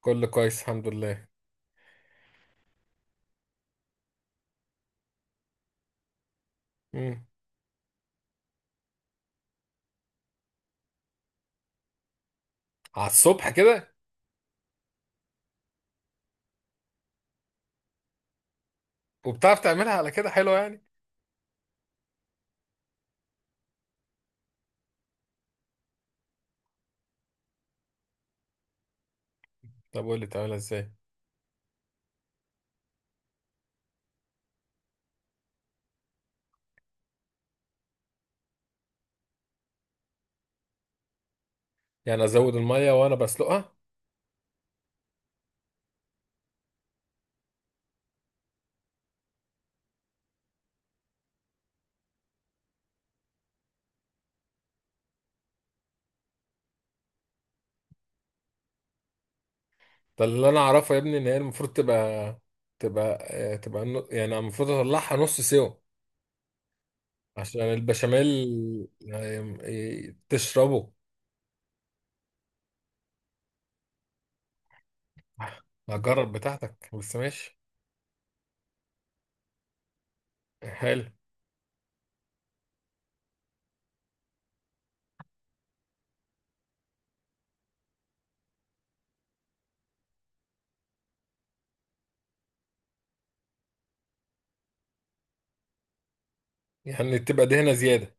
كله كويس، الحمد لله. امم على الصبح كده؟ وبتعرف تعملها على كده حلوه يعني؟ طب قول لي تعملها ازاي؟ يعني ازود الميه وانا بسلقها؟ ده اللي انا اعرفه يا ابني، ان هي المفروض تبقى، يعني المفروض اطلعها نص سوا عشان البشاميل. يعني تشربه. هجرب بتاعتك، بس ماشي. حلو. يعني تبقى دهنه زياده؟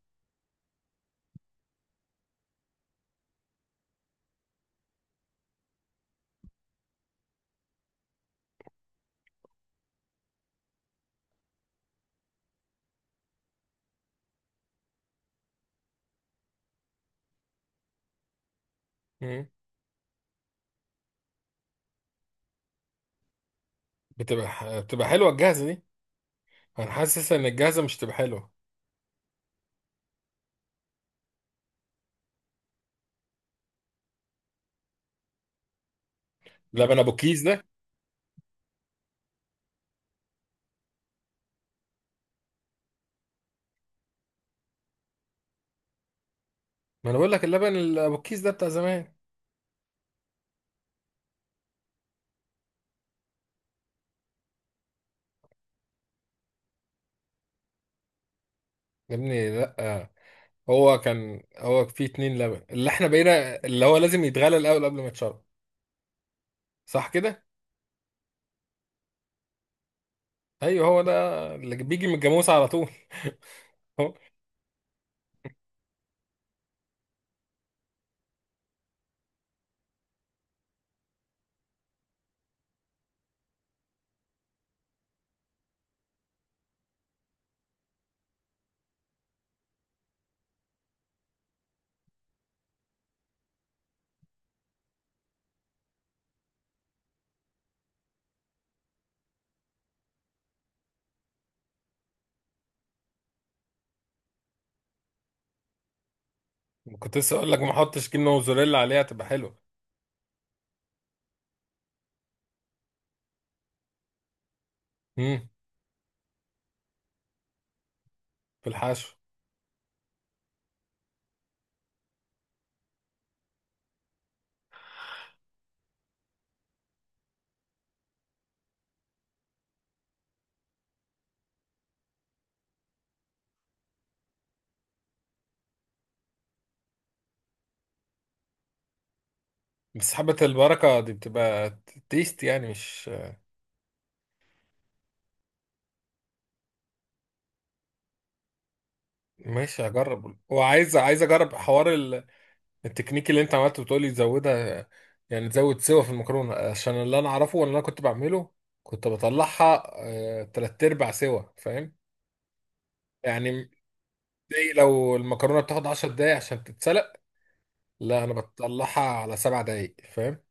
امم بتبقى حلوه الجاهزه دي؟ انا حاسس ان الجاهزه مش تبقى حلوه. لبن ابو كيس ده؟ ما انا بقول لك، اللبن ابو الكيس ده بتاع زمان. يا ابني لا. هو فيه اتنين لبن اللي احنا بقينا، اللي هو لازم يتغلى الاول قبل ما يتشرب. صح كده؟ ايوه هو ده. اللي بيجي من الجاموسه على طول. أهو. كنت لسه اقول لك، ما احطش جبنه موزاريلا عليها تبقى حلوه. امم في الحشو. بس حبة البركة دي بتبقى تيست يعني، مش... ماشي، هجرب. وعايز، عايز اجرب حوار. التكنيك اللي انت عملته بتقولي تزودها؟ يعني تزود سوا في المكرونه؟ عشان اللي انا اعرفه واللي انا كنت بعمله، كنت بطلعها تلات ارباع سوا، فاهم. يعني زي لو المكرونه بتاخد 10 دقايق عشان تتسلق، لا انا بطلعها على 7 دقايق، فاهم.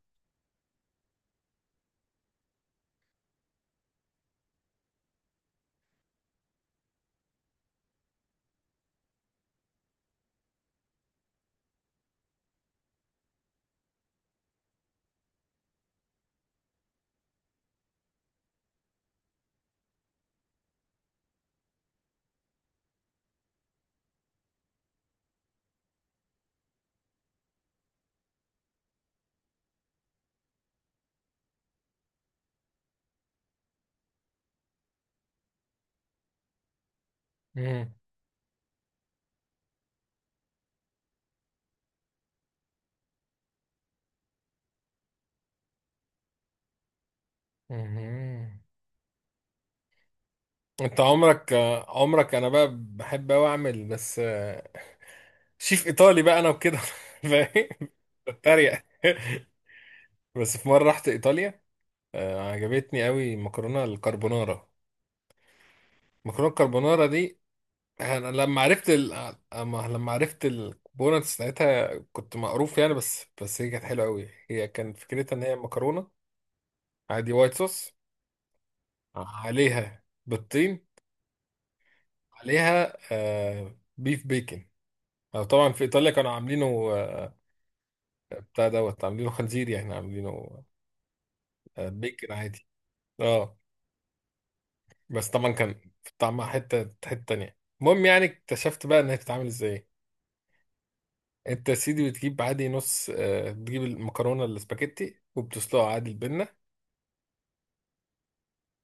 مم. مهم. انت عمرك انا بقى بحب اوي اعمل، بس شيف ايطالي بقى انا وكده. فاهم؟ بتريق. بس في مره رحت ايطاليا، عجبتني قوي مكرونه الكربونارا. مكرونه الكربونارا دي، انا لما عرفت أما- لما عرفت الكومبوننتس بتاعتها، كنت مقروف يعني، بس هي كانت حلوه قوي. هي كان فكرتها ان هي مكرونه عادي، وايت صوص، عليها بيضتين، عليها بيف بيكن. طبعا في ايطاليا كانوا عاملينه، آه، بتاع دوت عاملينه خنزير، يعني عاملينه بيكن عادي. اه. بس طبعا كان طعمها حته حته تانيه. المهم، يعني اكتشفت بقى انها بتتعمل ازاي. انت يا سيدي بتجيب المكرونه الاسباجيتي وبتسلقها عادي، البنه.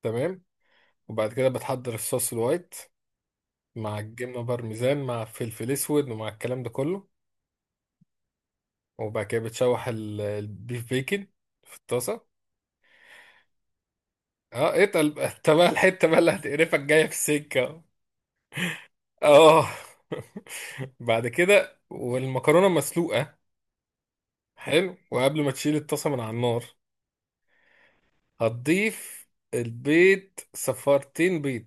تمام. وبعد كده بتحضر الصوص الوايت مع الجبنه بارميزان مع فلفل اسود، ومع الكلام ده كله. وبعد كده بتشوح البيف بيكن في الطاسه. اه، اتقل بقى. انت بقى الحته بقى اللي هتقرفك جايه في السكه. اه. بعد كده والمكرونه مسلوقه، حلو، وقبل ما تشيل الطاسه من على النار، هتضيف البيض، صفارتين بيض،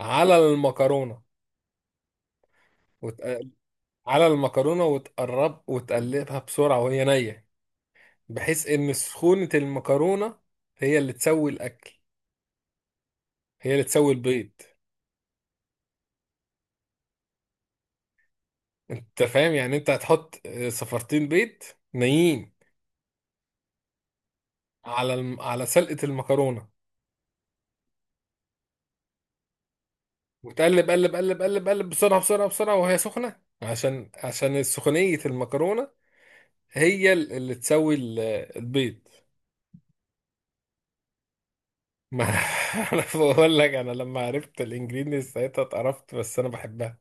على المكرونة، وت... على المكرونة، وتقرب وتقلبها بسرعة وهي نية، بحيث إن سخونة المكرونة هي اللي تسوي الأكل، هي اللي تسوي البيض. أنت فاهم؟ يعني أنت هتحط صفارتين بيض نيين على على سلقة المكرونة، وتقلب، قلب قلب قلب قلب، بسرعة بسرعة بسرعة، وهي سخنة، عشان سخونية المكرونة هي اللي تسوي البيض. ما انا بقول لك، انا لما عرفت الانجريدينتس ساعتها اتقرفت، بس انا بحبها.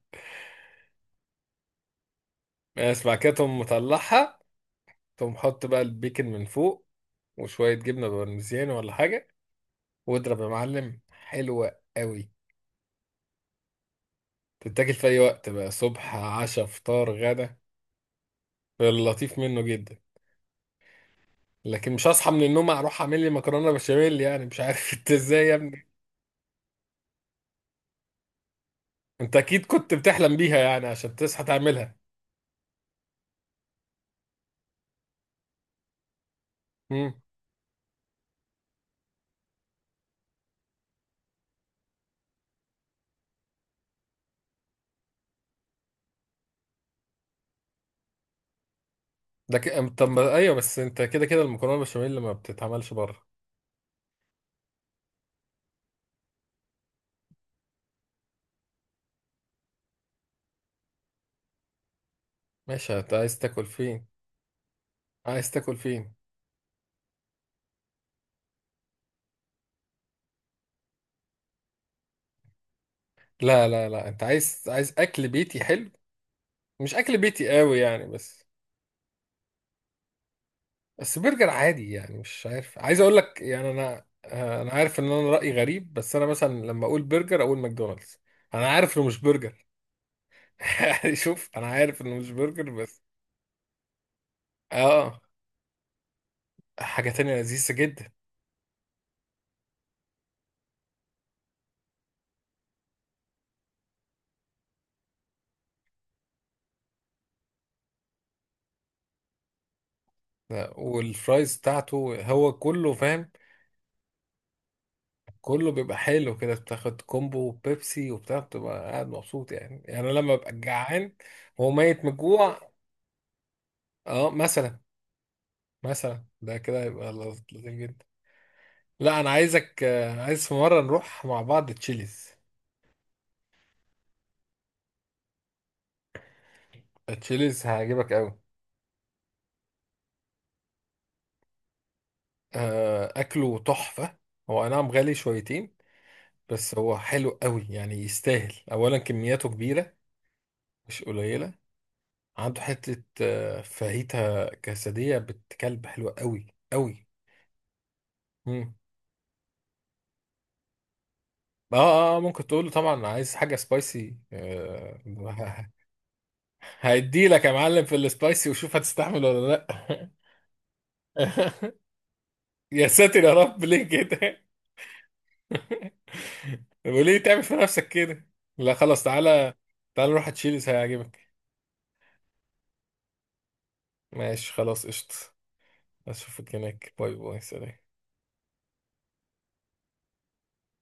بس بعد كده تقوم مطلعها، تقوم حط بقى البيكن من فوق، وشويه جبنه بارميزيان ولا حاجه، واضرب يا معلم. حلوه قوي. تتاكل في اي وقت بقى، صبح، عشاء، فطار، غدا. اللطيف منه جدا، لكن مش هصحى من النوم اروح اعمل لي مكرونه بشاميل، يعني مش عارف انت ازاي يا ابني. انت اكيد كنت بتحلم بيها يعني عشان تصحى تعملها. مم. طب ما- ايوه، بس انت كده كده المكرونه البشاميل ما بتتعملش بره. ماشي، انت عايز تاكل فين؟ عايز تاكل فين؟ لا لا لا، انت عايز اكل بيتي حلو، مش اكل بيتي قوي يعني، بس. بس برجر عادي يعني، مش عارف، عايز اقول لك، يعني انا انا عارف ان انا رايي غريب، بس انا مثلا لما اقول برجر اقول ماكدونالدز. انا عارف انه مش برجر. يعني شوف، انا عارف انه مش برجر، بس. اه. حاجه تانية لذيذه جدا. لا، والفرايز بتاعته، هو كله، فاهم. كله بيبقى حلو كده، بتاخد كومبو وبيبسي وبتاع، بتبقى قاعد مبسوط، يعني أنا لما ببقى جعان وهو ميت من الجوع. اه، مثلا، مثلا ده كده هيبقى لطيف جدا. لا انا عايز في مره نروح مع بعض تشيليز. تشيليز هيعجبك قوي. اكله تحفه. هو أي نعم غالي شويتين، بس هو حلو قوي يعني يستاهل، اولا كمياته كبيره، مش قليله. عنده حته فاهيتا كاسديه بتكلب حلوه قوي قوي. اه اه، ممكن تقول له طبعا عايز حاجه سبايسي، هيدي لك يا معلم في السبايسي، وشوف هتستحمل ولا لا. يا ساتر يا رب، ليه كده. وليه تعمل في نفسك كده. لا خلاص، تعالى، تعالى نروح تشيلس هيعجبك. ماشي، خلاص، قشطة. اشوفك هناك. باي باي، سلام.